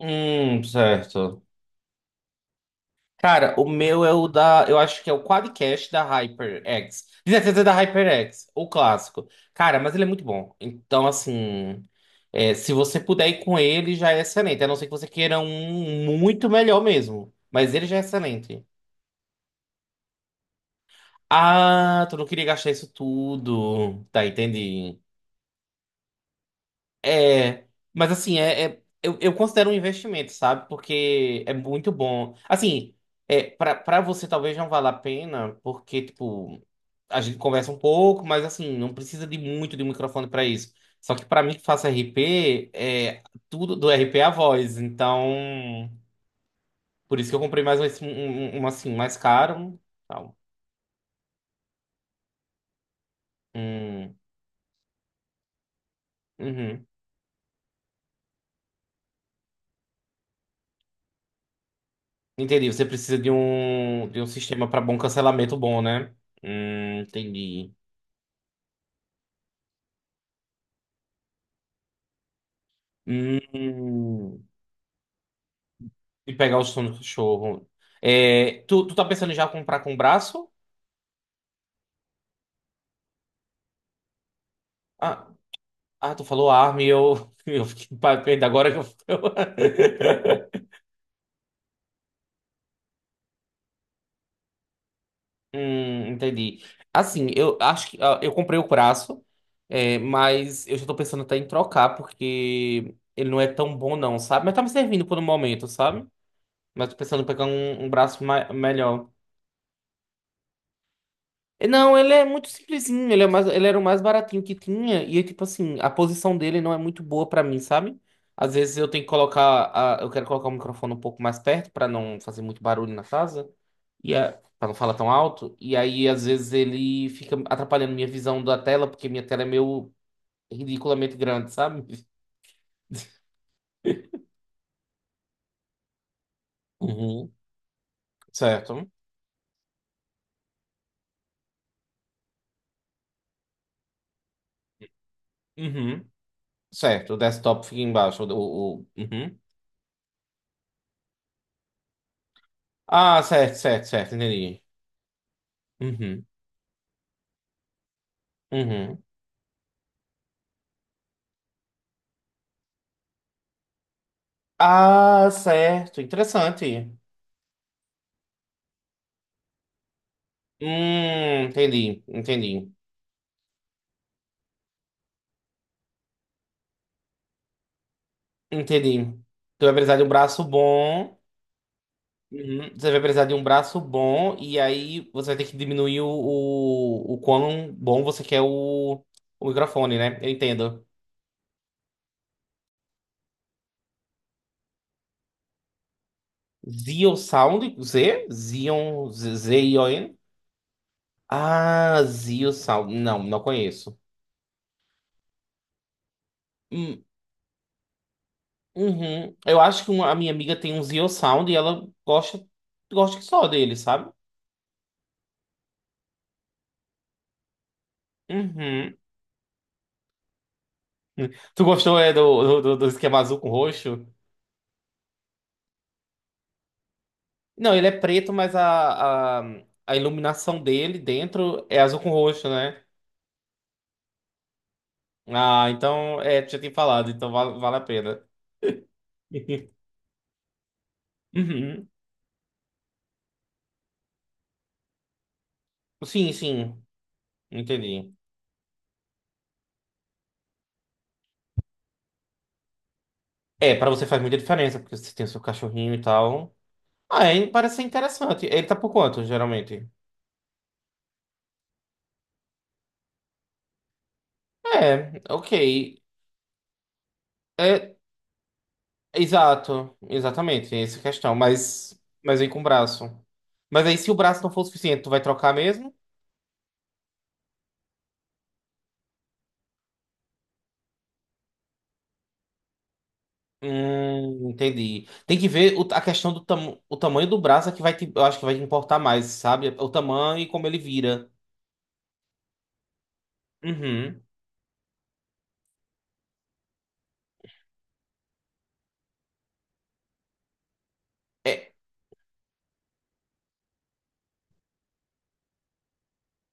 Certo. Cara, o meu é o da. Eu acho que é o Quadcast da HyperX. Quer dizer, da HyperX, o clássico. Cara, mas ele é muito bom. Então, assim. É, se você puder ir com ele, já é excelente. A não ser que você queira um muito melhor mesmo. Mas ele já é excelente. Ah, tu não queria gastar isso tudo. Tá, entendi. É, mas assim, eu considero um investimento, sabe? Porque é muito bom. Assim, pra você talvez não valha a pena, porque, tipo, a gente conversa um pouco, mas assim, não precisa de muito de um microfone pra isso. Só que pra mim que faço RP, tudo do RP é a voz. Então, por isso que eu comprei mais um, assim, mais caro. Tal. Hum, uhum. Entendi, você precisa de um, sistema pra bom cancelamento bom, né? Entendi. Hum, e pegar o som do cachorro. É, tu tá pensando em já comprar com o braço? Ah, tu falou arma e eu, eu fiquei perdendo agora que eu. eu- entendi. Assim, eu acho que eu comprei o braço, é, mas eu já tô pensando até em trocar, porque ele não é tão bom, não, sabe? Mas tá me servindo por um momento, sabe? Mas tô pensando em pegar um braço melhor. Não, ele é muito simplesinho, ele, é mais, ele era o mais baratinho que tinha, e é tipo assim, a posição dele não é muito boa pra mim, sabe? Às vezes eu tenho que colocar, eu quero colocar o microfone um pouco mais perto pra não fazer muito barulho na casa, e a, para não falar tão alto, e aí às vezes ele fica atrapalhando minha visão da tela, porque minha tela é meio ridiculamente grande, sabe? Uhum, certo. Uhum, certo, o desktop fica embaixo, o- uhum. Ah, certo, certo, certo, entendi. Uhum, uhum. Ah, certo. Interessante. Entendi, entendi, entendi. Tu vai precisar de um braço bom. Uhum. Você vai precisar de um braço bom e aí você vai ter que diminuir o quão bom você quer o microfone, né? Eu entendo. Zio Sound? Z? Zion? Z-I-O-N? Ah, Zio Sound. Não, não conheço. Hum, uhum. Eu acho que a minha amiga tem um Zio Sound e ela gosta, gosta que só dele, sabe? Uhum. Tu gostou do esquema azul com roxo? Não, ele é preto, mas a iluminação dele dentro é azul com roxo, né? Ah, então, é, tu já tinha falado, então vale, vale a pena. Uhum. Sim, sim, entendi. É, pra você faz muita diferença, porque você tem o seu cachorrinho e tal. Ah, é, parece ser interessante. Ele tá por quanto, geralmente? É, ok. É, exato, exatamente, tem essa questão, mas vem com o braço. Mas aí, se o braço não for suficiente, tu vai trocar mesmo? Entendi. Tem que ver a questão do tam, o tamanho do braço é que vai te, eu acho que vai te importar mais, sabe? O tamanho e como ele vira. Uhum.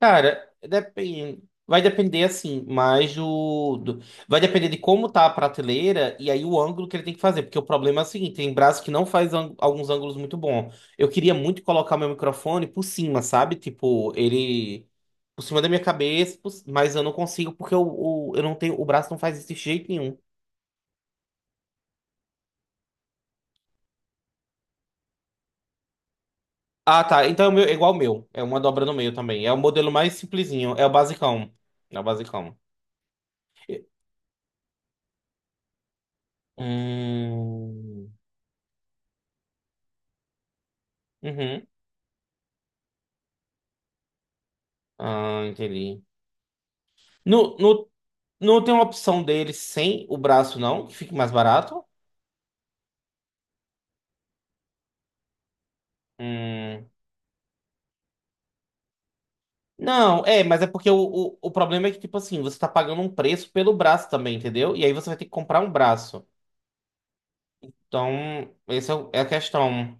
Cara, depende. Vai depender, assim, mais do, do- Vai depender de como tá a prateleira e aí o ângulo que ele tem que fazer. Porque o problema é o seguinte, tem braço que não faz ângu- alguns ângulos muito bons. Eu queria muito colocar meu microfone por cima, sabe? Tipo, ele... Por cima da minha cabeça, por- mas eu não consigo porque eu, eu não tenho... O braço não faz isso de jeito nenhum. Ah, tá. Então é o meu- é igual o meu. É uma dobra no meio também. É o modelo mais simplesinho. É o basicão. É o basicão. E- Hum... Uhum. Ah, entendi. No, no, não tem uma opção dele sem o braço, não? Que fique mais barato? Hum. Não, é, mas é porque o problema é que, tipo assim, você tá pagando um preço pelo braço também, entendeu? E aí você vai ter que comprar um braço. Então, essa é a questão.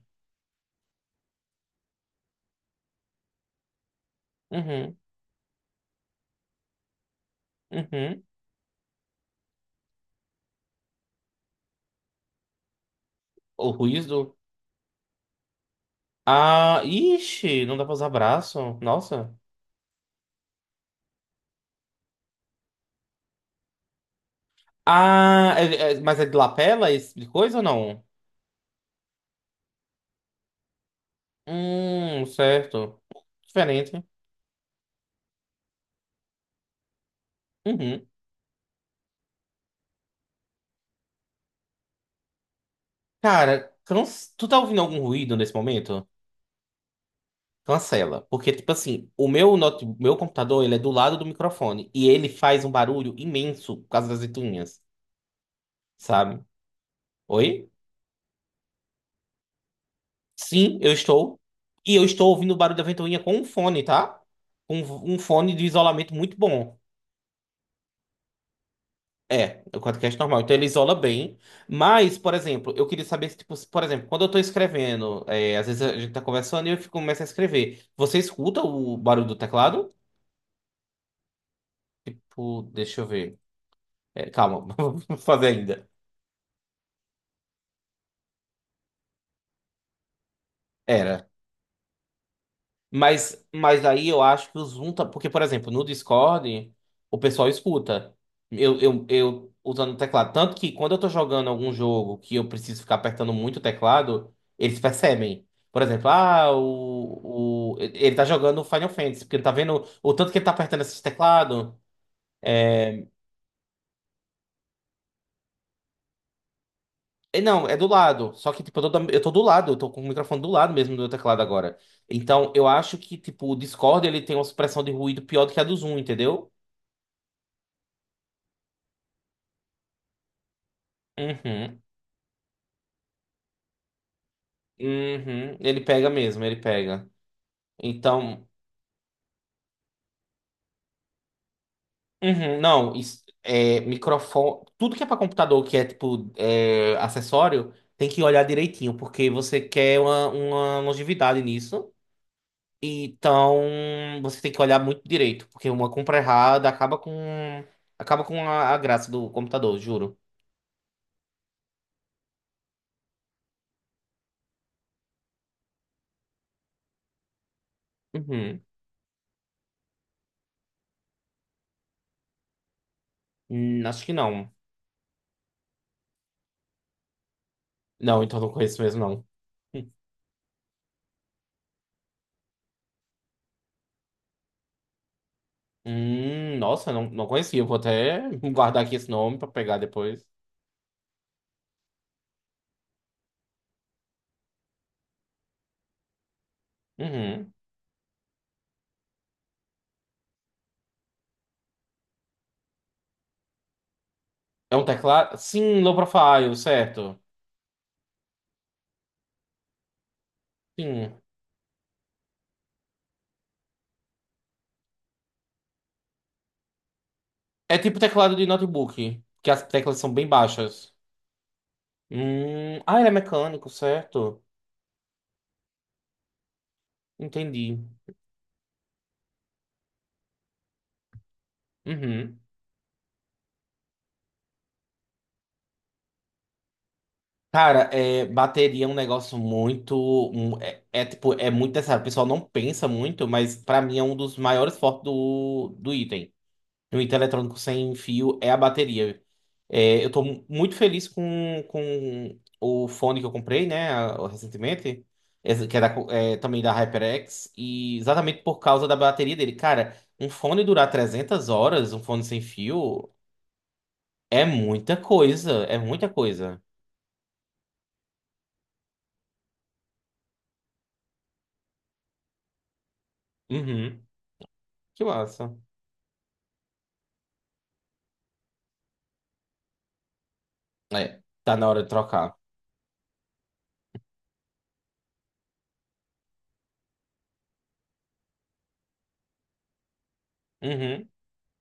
Uhum, uhum. O ruído. Ah, ixi, não dá pra usar braço. Nossa. Ah, mas é de lapela, esse tipo de coisa ou não? Certo. Diferente. Uhum. Cara, tu tá ouvindo algum ruído nesse momento? Cancela. Porque, tipo assim, o meu, meu computador, ele é do lado do microfone. E ele faz um barulho imenso por causa das ventoinhas, sabe? Oi? Sim, eu estou. E eu estou ouvindo o barulho da ventoinha com um fone, tá? Com um fone de isolamento muito bom. É, é o podcast normal. Então ele isola bem. Mas, por exemplo, eu queria saber se, tipo, se, por exemplo, quando eu tô escrevendo, é, às vezes a gente tá conversando e eu fico, começo a escrever. Você escuta o barulho do teclado? Pô, deixa eu ver. É, calma, vou fazer ainda. Era. Mas aí eu acho que o Zoom tá. Porque, por exemplo, no Discord, o pessoal escuta. Eu usando o teclado. Tanto que quando eu tô jogando algum jogo que eu preciso ficar apertando muito o teclado, eles percebem. Por exemplo, ele tá jogando Final Fantasy, porque ele tá vendo o tanto que ele tá apertando esse teclado. É, não, é do lado. Só que, tipo, eu tô, eu tô do lado, eu tô com o microfone do lado mesmo do meu teclado agora. Então, eu acho que, tipo, o Discord, ele tem uma supressão de ruído pior do que a do Zoom, entendeu? Uhum. Uhum. Ele pega mesmo, ele pega. Então, uhum, não, isso, é, microfone. Tudo que é pra computador, que é, tipo, é, acessório, tem que olhar direitinho, porque você quer uma longevidade nisso. Então, você tem que olhar muito direito, porque uma compra errada acaba com a graça do computador, juro. Uhum. Acho que não. Não, então não conheço mesmo, não. Nossa, não, não conhecia. Vou até guardar aqui esse nome pra pegar depois. Uhum. É um teclado? Sim, low profile, certo. Sim. É tipo teclado de notebook, que as teclas são bem baixas. Ah, ele é mecânico, certo? Entendi. Uhum. Cara, é, bateria é um negócio muito. É tipo, é muito necessário. O pessoal não pensa muito, mas pra mim é um dos maiores fortes do, do item. No item eletrônico sem fio é a bateria. É, eu tô muito feliz com o fone que eu comprei, né, recentemente, esse que é, é, também da HyperX, e exatamente por causa da bateria dele. Cara, um fone durar 300 horas, um fone sem fio, é muita coisa, é muita coisa. Uhum, que massa. É, tá na hora de trocar. Uhum,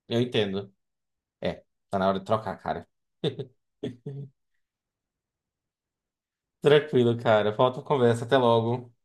eu entendo. É, tá na hora de trocar, cara. Tranquilo, cara. Falta conversa. Até logo.